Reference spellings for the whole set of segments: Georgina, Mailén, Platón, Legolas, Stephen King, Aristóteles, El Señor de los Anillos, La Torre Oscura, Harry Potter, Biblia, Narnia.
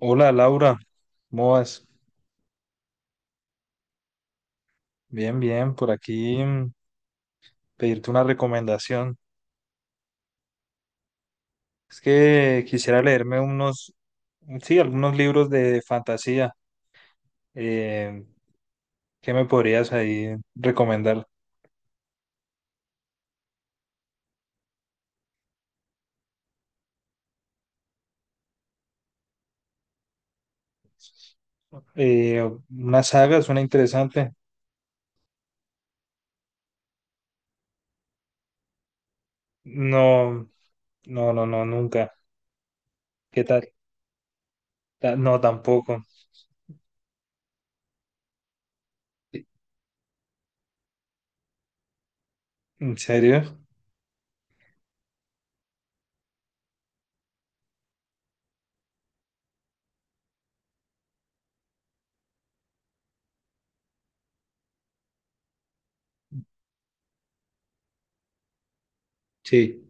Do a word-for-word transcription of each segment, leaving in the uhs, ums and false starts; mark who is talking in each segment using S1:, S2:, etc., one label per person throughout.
S1: Hola Laura, ¿cómo vas? Bien, bien, por aquí mm, pedirte una recomendación. Es que quisiera leerme unos, sí, algunos libros de fantasía. Eh, ¿qué me podrías ahí recomendar? Eh, una saga suena interesante. No, no, no, no, nunca. ¿Qué tal? Ta- No, tampoco. ¿En serio? Sí.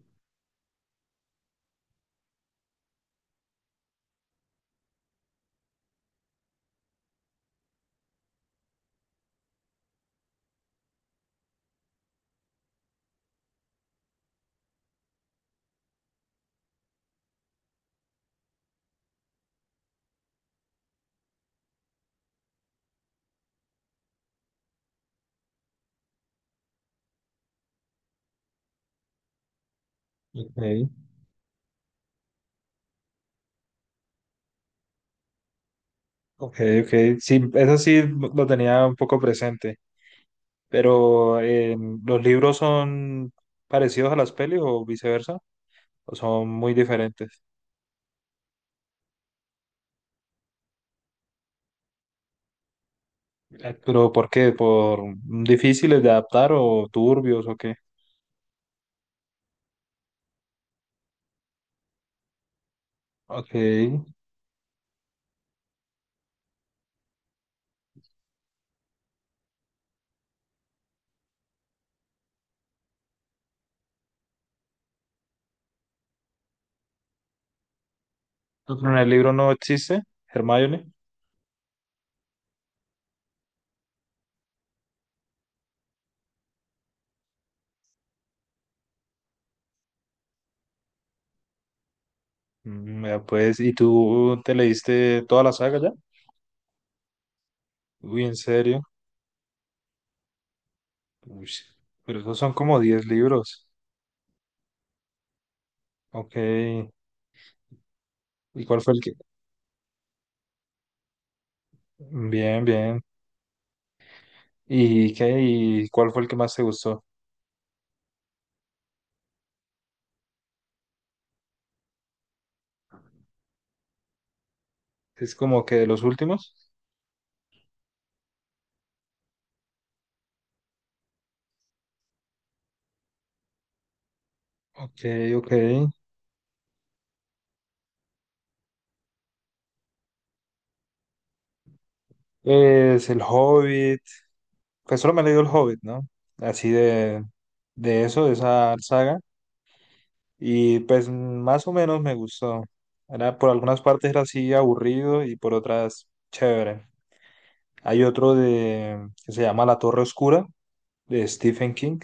S1: Ok, ok, ok. Sí, eso sí lo tenía un poco presente. Pero eh, ¿los libros son parecidos a las pelis o viceversa? ¿O son muy diferentes? Eh, ¿Pero por qué? ¿Por difíciles de adaptar o turbios o qué? Ok. ¿En el libro no existe, Hermione? Mm, vea pues, ¿y tú te leíste toda la saga ya? Uy, ¿en serio? Uy, pero esos son como diez libros. Ok. ¿Y cuál fue el que...? Bien, bien. ¿Y qué? ¿Y cuál fue el que más te gustó? ¿Es como que de los últimos? Ok, ok. Es El Hobbit, pues solo me he leído El Hobbit, ¿no? Así de, de eso, de esa saga. Y pues más o menos me gustó. Era, por algunas partes era así aburrido y por otras chévere. Hay otro de, que se llama La Torre Oscura, de Stephen King.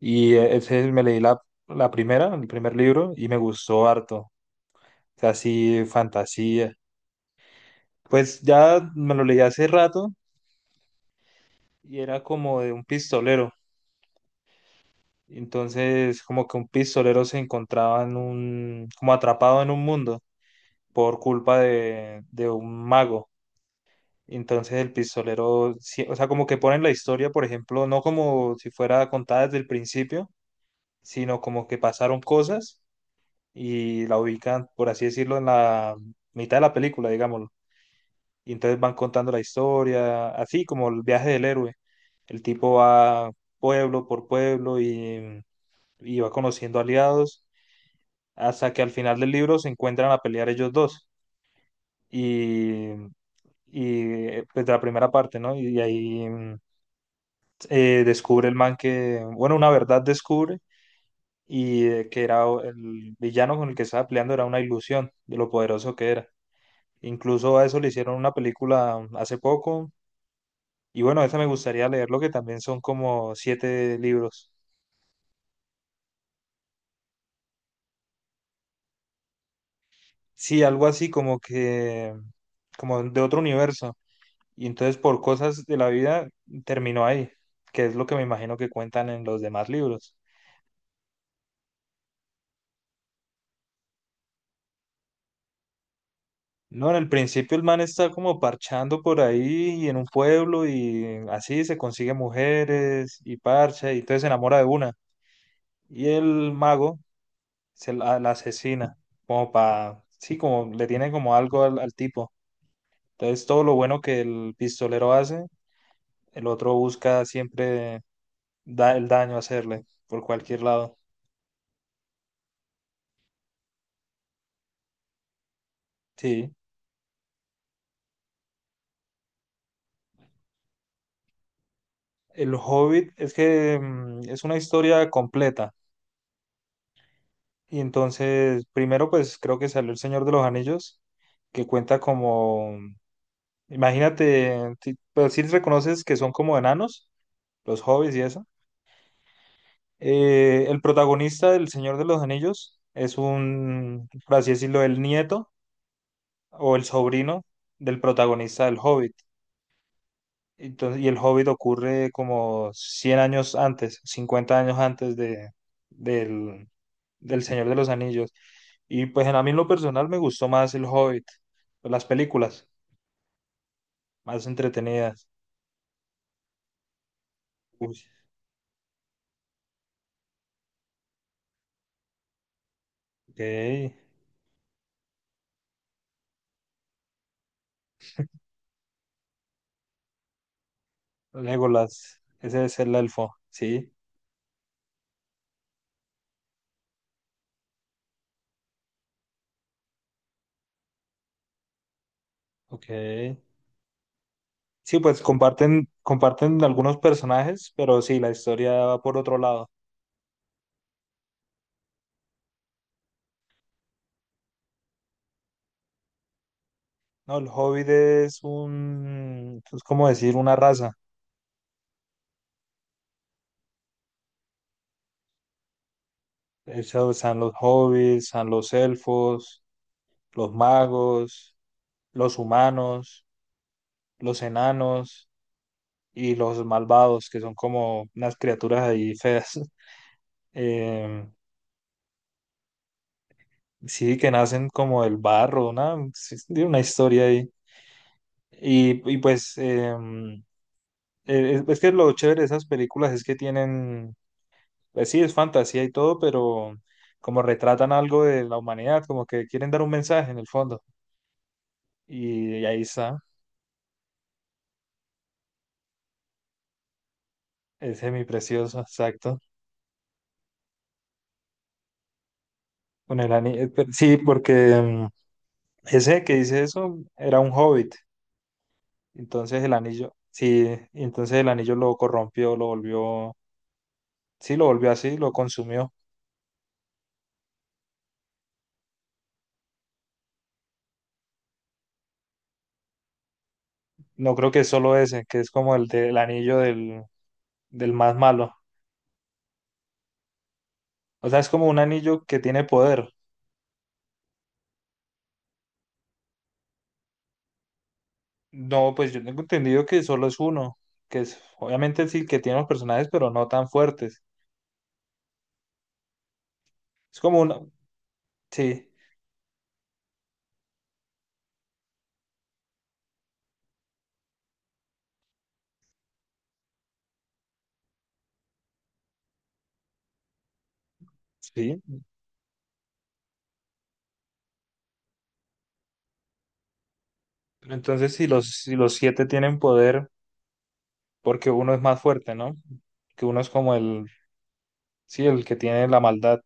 S1: Y e, ese me leí la, la primera, el primer libro, y me gustó harto. O sea, así fantasía. Pues ya me lo leí hace rato y era como de un pistolero. Entonces, como que un pistolero se encontraba en un, como atrapado en un mundo por culpa de, de un mago. Entonces el pistolero, sí- o sea, como que ponen la historia, por ejemplo, no como si fuera contada desde el principio, sino como que pasaron cosas y la ubican, por así decirlo, en la mitad de la película, digámoslo. Y entonces van contando la historia, así como el viaje del héroe. El tipo va pueblo por pueblo y, y va conociendo aliados hasta que al final del libro se encuentran a pelear ellos dos. Y, y eh, pues de la primera parte, ¿no? Y, ahí mm, eh, descubre el man que, bueno, una verdad descubre y eh, que era el villano con el que estaba peleando era una ilusión de lo poderoso que era. Incluso a eso le hicieron una película hace poco. Y bueno, esa me gustaría leerlo, que también son como siete libros. Sí, algo así como que, como de otro universo. Y entonces por cosas de la vida terminó ahí, que es lo que me imagino que cuentan en los demás libros. No, en el principio el man está como parchando por ahí y en un pueblo y así se consigue mujeres y parcha y entonces se enamora de una. Y el mago se la, la asesina, como para, sí, como le tiene como algo al, al tipo. Entonces todo lo bueno que el pistolero hace, el otro busca siempre da, el daño a hacerle por cualquier lado. Sí. El Hobbit es que mm, es una historia completa. Y entonces, primero, pues creo que salió El Señor de los Anillos, que cuenta como, imagínate, si, pero si reconoces que son como enanos, los hobbits y eso. Eh, el protagonista del Señor de los Anillos es un, por así decirlo, el nieto o el sobrino del protagonista del Hobbit. Entonces, y el Hobbit ocurre como cien años antes, cincuenta años antes de, del, del Señor de los Anillos. Y pues en- a mí en lo personal me gustó más el Hobbit, pues, las películas más entretenidas. Uy, ok. Legolas, ese es el elfo, sí, ok. Sí, pues comparten, comparten algunos personajes, pero sí, la historia va por otro lado. No, el Hobbit es un, es como decir una raza. Eso están los hobbits, están los elfos, los magos, los humanos, los enanos y los malvados, que son como unas criaturas ahí feas. Em, sí, que nacen como del barro, una, sí, tiene una historia ahí. Y, y pues, em, eh, es, es que lo chévere de esas películas es que tienen, pues sí, es fantasía y todo, pero como retratan algo de la humanidad, como que quieren dar un mensaje en el fondo. Y ahí está. Es semiprecioso, exacto. Con el anillo. eh, Sí, porque mm, ese que dice eso era un hobbit. Entonces el anillo, sí, entonces el anillo lo corrompió, lo volvió, sí, lo volvió así, lo consumió. No creo que es solo ese, que es como el del anillo del, del más malo. O sea, es como un anillo que tiene poder. No, pues yo tengo entendido que solo es uno, que es, obviamente sí que tiene los personajes, pero no tan fuertes. Es como una, sí, sí. Pero entonces si los, si los, siete tienen poder. Porque uno es más fuerte, ¿no? Que uno es como el, sí, el que tiene la maldad.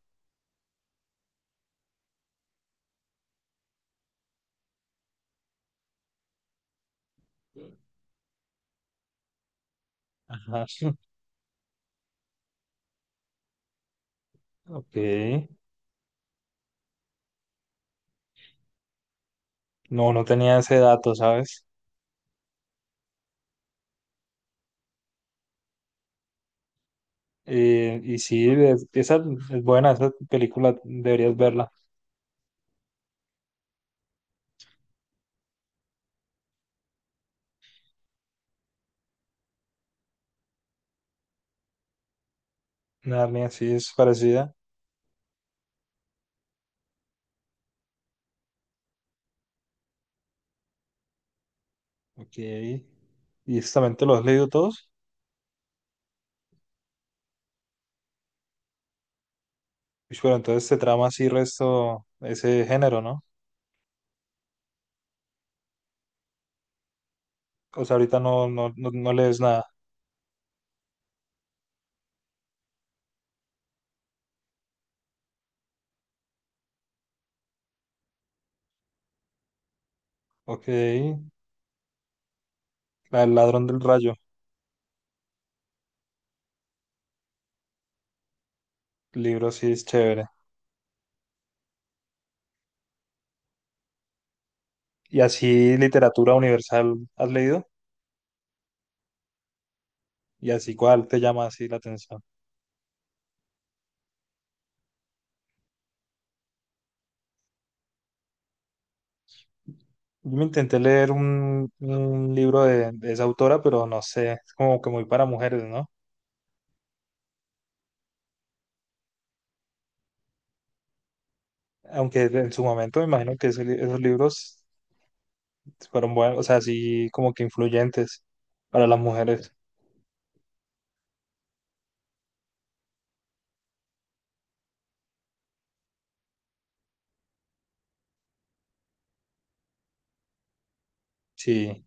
S1: Ajá. Ok. No, no tenía ese dato, ¿sabes? Eh, y sí, es- esa es buena, esa película deberías verla. Narnia, sí, es parecida. Ok. ¿Y eso también te lo has leído todos? Uy, pero entonces te trama así resto ese género, ¿no? O sea, ahorita no, no, no, no lees nada. Ok. La del ladrón del rayo. Libro sí es chévere. ¿Y así literatura universal has leído? Y así, ¿cuál te llama así la atención? Yo me intenté leer un, un libro de, de esa autora, pero no sé, es como que muy para mujeres, ¿no? Aunque en su momento me imagino que ese li- esos libros fueron buenos, o sea, así como que influyentes para las mujeres. Sí,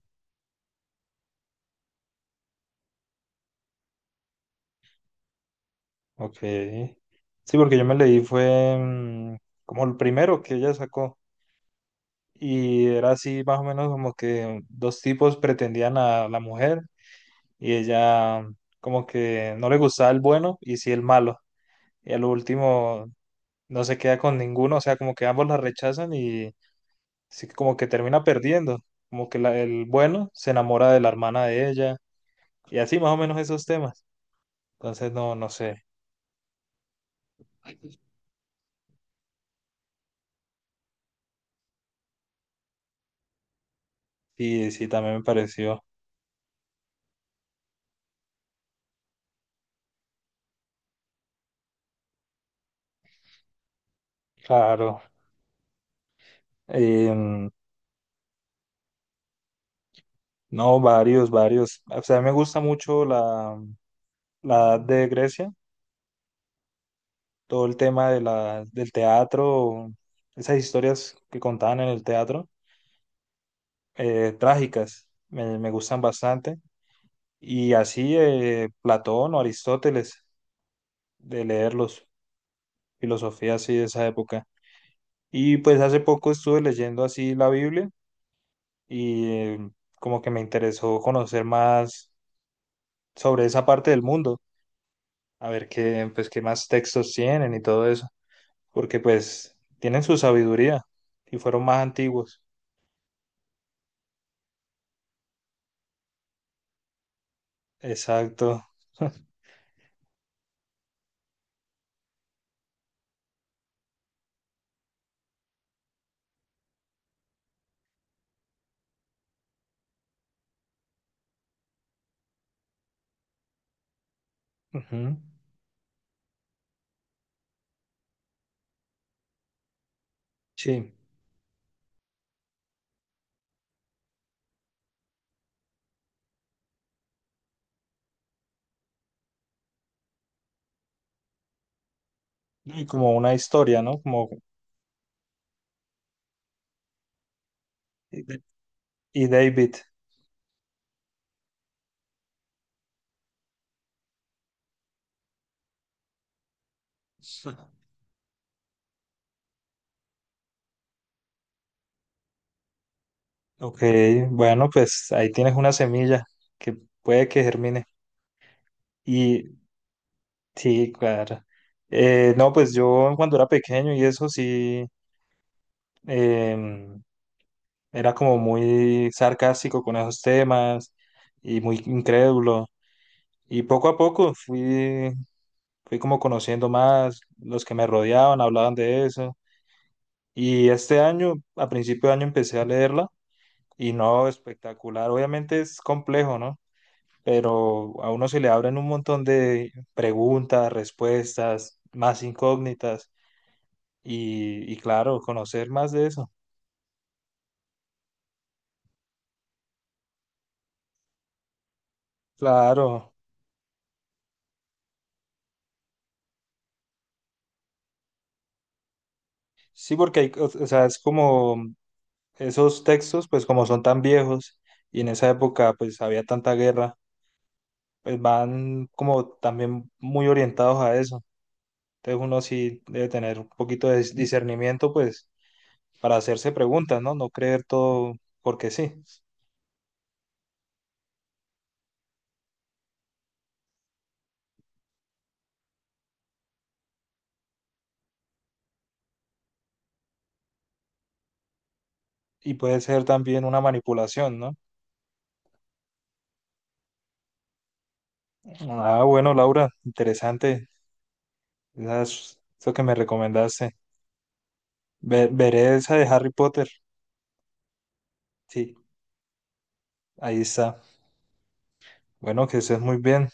S1: ok. Sí, porque yo me leí fue mm, como el primero que ella sacó y era así más o menos como que dos tipos pretendían a la mujer y ella como que no le gustaba el bueno y sí el malo. Y a lo último no se queda con ninguno, o sea, como que ambos la rechazan y sí, como que termina perdiendo, como que la- el bueno se enamora de la hermana de ella y así más o menos esos temas. Entonces, no, no sé. Sí, sí, también me pareció. Claro. Em, no, varios, varios. O sea, me gusta mucho la, la edad de Grecia, todo el tema de la, del teatro, esas historias que contaban en el teatro, eh, trágicas, me, me gustan bastante. Y así eh, Platón o Aristóteles, de leerlos, filosofía así de esa época. Y pues hace poco estuve leyendo así la Biblia y eh, como que me interesó conocer más sobre esa parte del mundo, a ver qué, pues, qué más textos tienen y todo eso, porque pues tienen su sabiduría y fueron más antiguos. Exacto. Ujú. Sí. Y como una historia, ¿no? Como... Y David. Ok, bueno, pues ahí tienes una semilla que puede que germine. Y sí, claro. Eh, no, pues yo cuando era pequeño y eso sí, em, era como muy sarcástico con esos temas y muy incrédulo. Y poco a poco fui, fui como conociendo más, los que me rodeaban hablaban de eso. Y este año, a principio de año, empecé a leerla y no, espectacular. Obviamente es complejo, ¿no? Pero a uno se le abren un montón de preguntas, respuestas, más incógnitas y, y claro, conocer más de eso. Claro, sí, porque hay, cos- o sea, es como esos textos, pues como son tan viejos y en esa época pues había tanta guerra, pues van como también muy orientados a eso. Entonces uno sí debe tener un poquito de dis- discernimiento, pues, para hacerse preguntas, ¿no? No creer todo porque sí. Y puede ser también una manipulación, ¿no? Ah, bueno, Laura, interesante. Esas- eso que me recomendaste. Ve- veré esa de Harry Potter. Sí, ahí está. Bueno, que estés muy bien.